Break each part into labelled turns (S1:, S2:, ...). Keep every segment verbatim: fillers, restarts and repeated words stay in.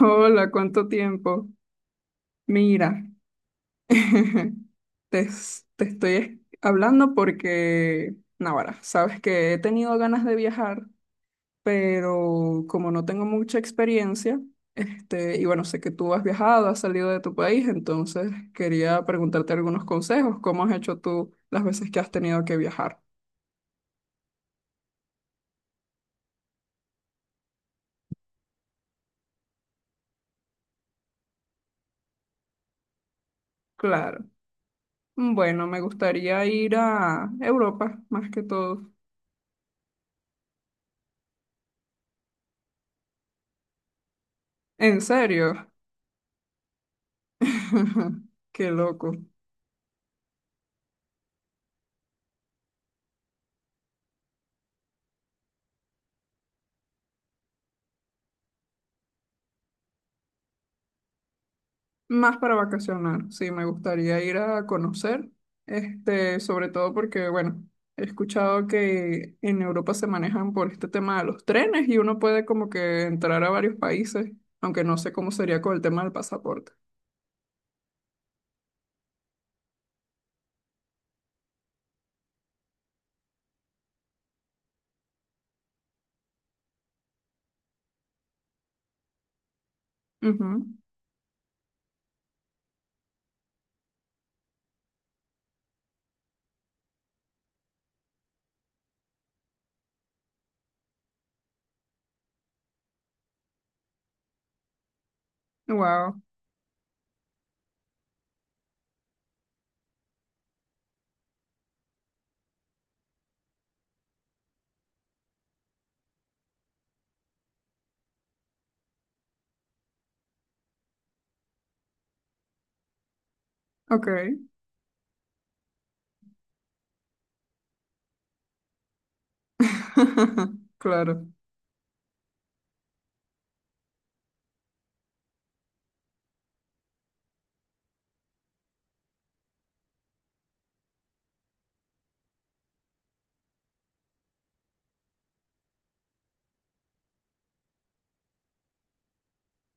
S1: Hola, ¿cuánto tiempo? Mira, te, es- te estoy es- hablando porque, Navarra, sabes que he tenido ganas de viajar, pero como no tengo mucha experiencia, este, y bueno, sé que tú has viajado, has salido de tu país, entonces quería preguntarte algunos consejos. ¿Cómo has hecho tú las veces que has tenido que viajar? Claro. Bueno, me gustaría ir a Europa, más que todo. ¿En serio? Qué loco. Más para vacacionar, sí, me gustaría ir a conocer, este, sobre todo porque, bueno, he escuchado que en Europa se manejan por este tema de los trenes y uno puede como que entrar a varios países, aunque no sé cómo sería con el tema del pasaporte. Ujú. Wow, ok. Claro,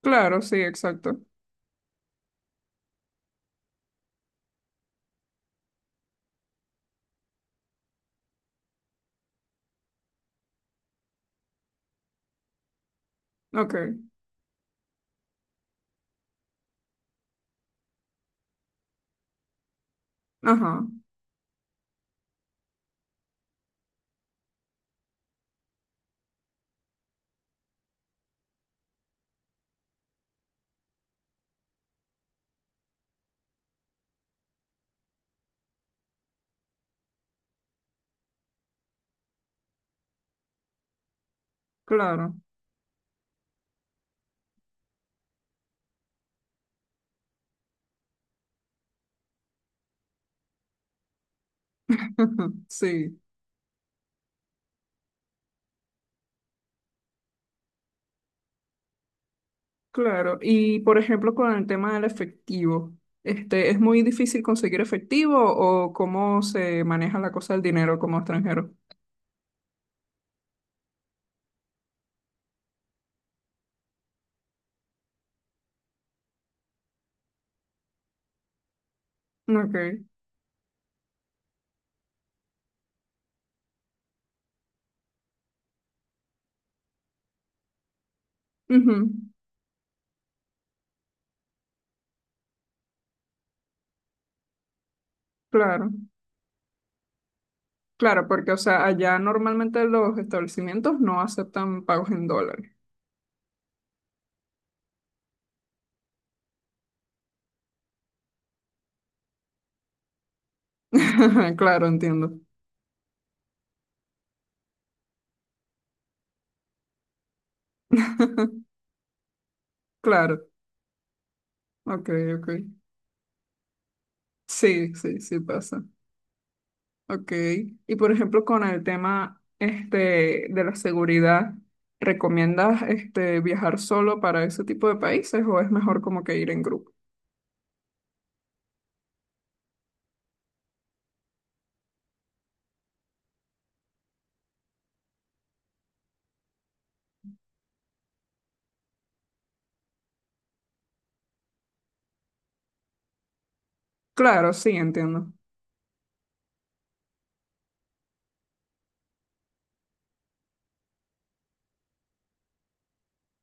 S1: claro, sí, exacto. Ok, ajá, claro. Sí. Claro, y por ejemplo con el tema del efectivo, este, ¿es muy difícil conseguir efectivo o cómo se maneja la cosa del dinero como extranjero? Ok, ujú, claro, claro, porque o sea, allá normalmente los establecimientos no aceptan pagos en dólares. Claro, entiendo. Claro, ok, ok. Sí, sí, sí pasa. Ok. Y por ejemplo, con el tema este, de la seguridad, ¿recomiendas este, viajar solo para ese tipo de países o es mejor como que ir en grupo? Claro, sí, entiendo.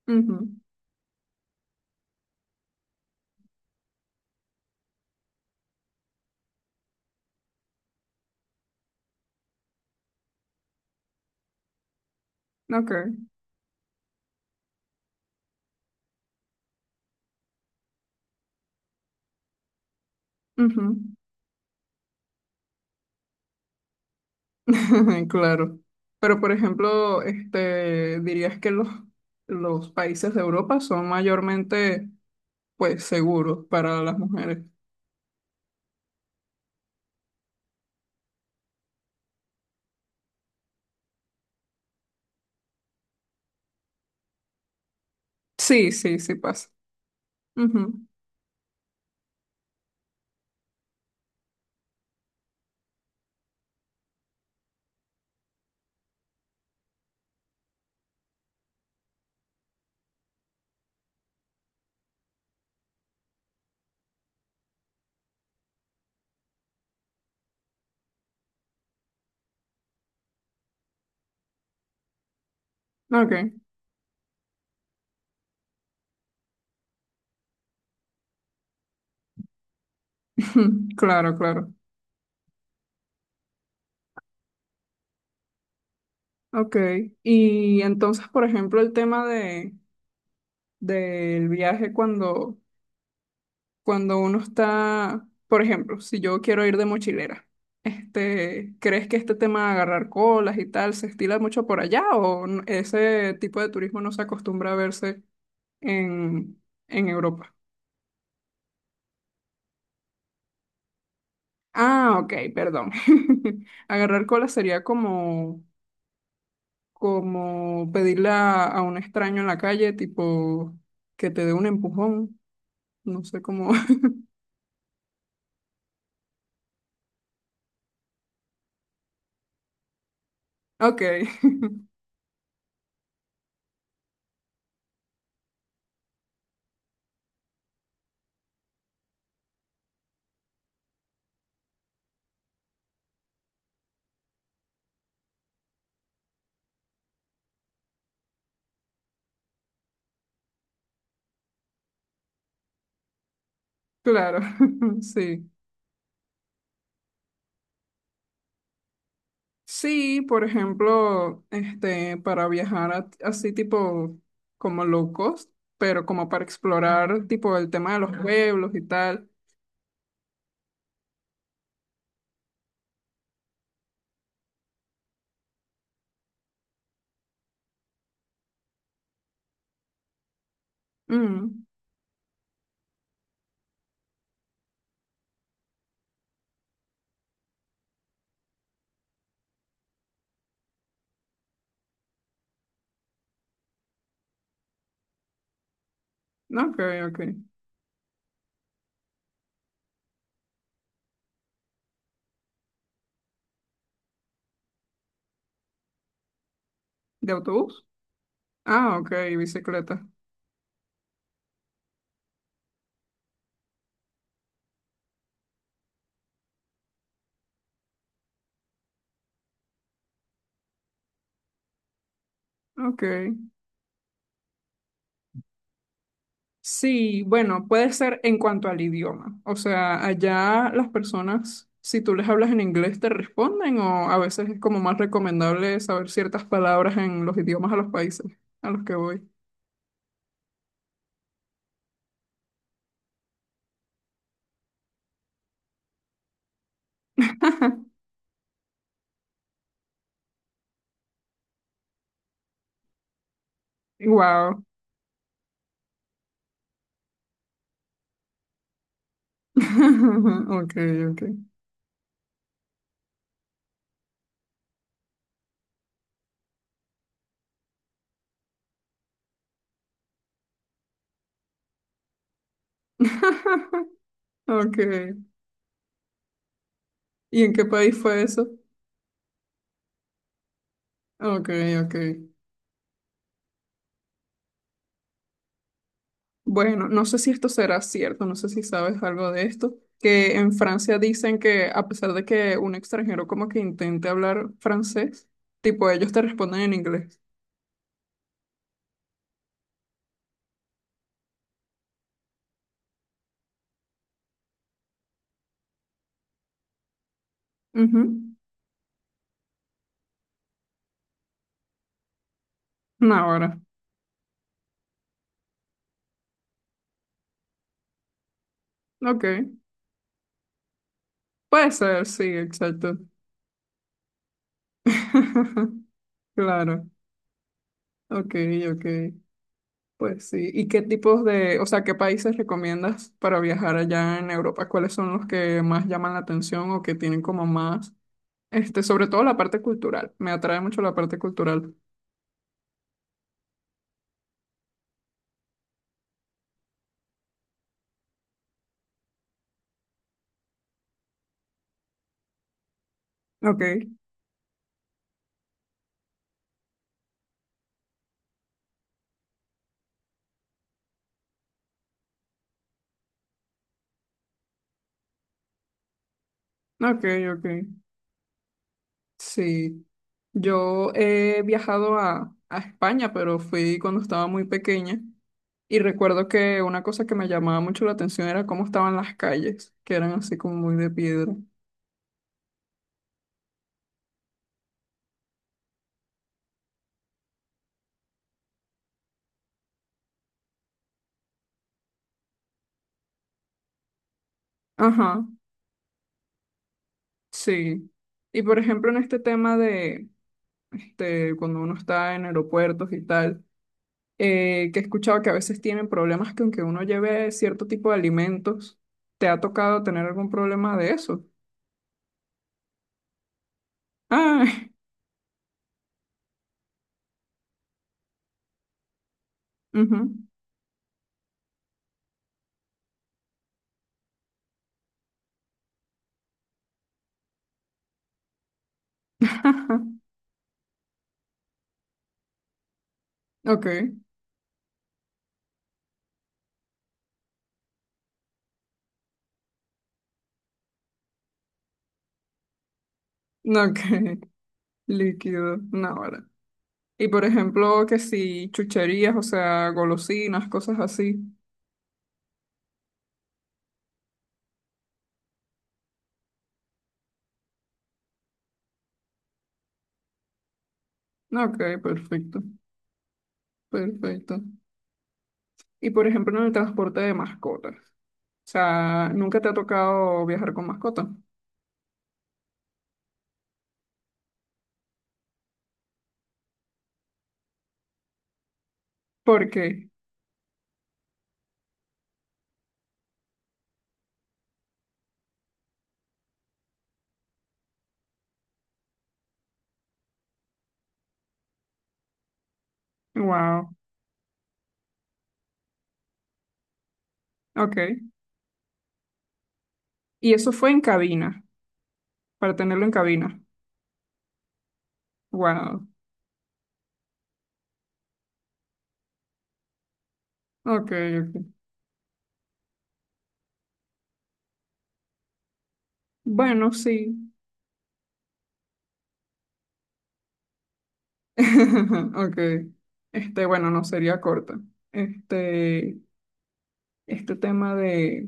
S1: Ujú. Ok. Ujú. Claro. Pero por ejemplo, este, dirías que los, los países de Europa son mayormente pues seguros para las mujeres. Sí, sí, sí pasa. Ujú. Ok. Claro, claro. Ok, y entonces, por ejemplo, el tema de, del viaje cuando, cuando uno está, por ejemplo, si yo quiero ir de mochilera, este, ¿crees que este tema de agarrar colas y tal se estila mucho por allá o n- ese tipo de turismo no se acostumbra a verse en, en Europa? Ah, ok, perdón. Agarrar colas sería como, como pedirle a a un extraño en la calle, tipo que te dé un empujón. No sé cómo. Ok, claro, sí. Sí, por ejemplo, este, para viajar a- así tipo como locos, pero como para explorar tipo el tema de los pueblos y tal. Mm, ok, ok. ¿De autobús? Ah, ok, bicicleta. Ok. Sí, bueno, puede ser en cuanto al idioma. O sea, allá las personas, si tú les hablas en inglés, te responden o a veces es como más recomendable saber ciertas palabras en los idiomas a los países a los que voy. Wow. Ok, ok. Ok. ¿Y en qué país fue eso? Ok, ok. Bueno, no sé si esto será cierto, no sé si sabes algo de esto, que en Francia dicen que a pesar de que un extranjero como que intente hablar francés, tipo ellos te responden en inglés. Ujú. Una hora. Ok. Puede ser, sí, exacto. Claro. Ok, ok. Pues sí. ¿Y qué tipos de, o sea, qué países recomiendas para viajar allá en Europa? ¿Cuáles son los que más llaman la atención o que tienen como más? Este, sobre todo la parte cultural. Me atrae mucho la parte cultural. Ok, ok, ok. Sí. Yo he viajado a, a España, pero fui cuando estaba muy pequeña. Y recuerdo que una cosa que me llamaba mucho la atención era cómo estaban las calles, que eran así como muy de piedra. Ajá, sí. Y por ejemplo, en este tema de este, cuando uno está en aeropuertos y tal. Eh, que he escuchado que a veces tienen problemas que aunque uno lleve cierto tipo de alimentos, ¿te ha tocado tener algún problema de eso? Ah, ujú. Ok, no, ok, líquido, no, vale. Y por ejemplo, que si chucherías, o sea, golosinas, cosas así. No, ok, perfecto, perfecto. Y por ejemplo, en el transporte de mascotas. O sea, ¿nunca te ha tocado viajar con mascota? ¿Por qué? Wow, ok. Y eso fue en cabina. Para tenerlo en cabina. Wow. Ok, ok. Bueno, sí. Ok. Este, bueno, no sería corta. Este, este tema de,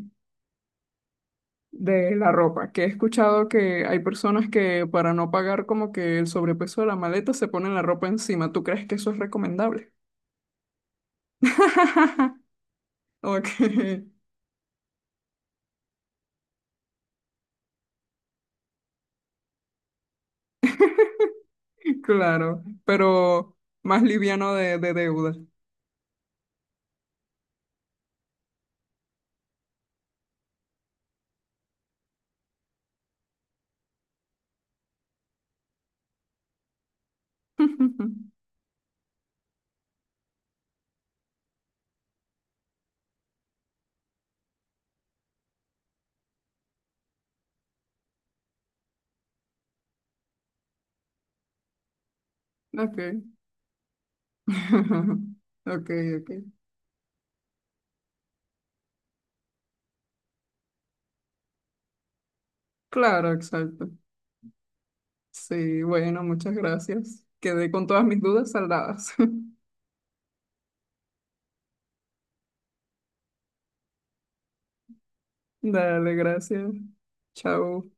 S1: de la ropa, que he escuchado que hay personas que para no pagar como que el sobrepeso de la maleta se ponen la ropa encima. ¿Tú crees que eso es recomendable? Ok, claro, pero más liviano de, de deuda. Ok. Ok, ok. Claro, exacto. Sí, bueno, muchas gracias. Quedé con todas mis dudas saldadas. Dale, gracias. Chao.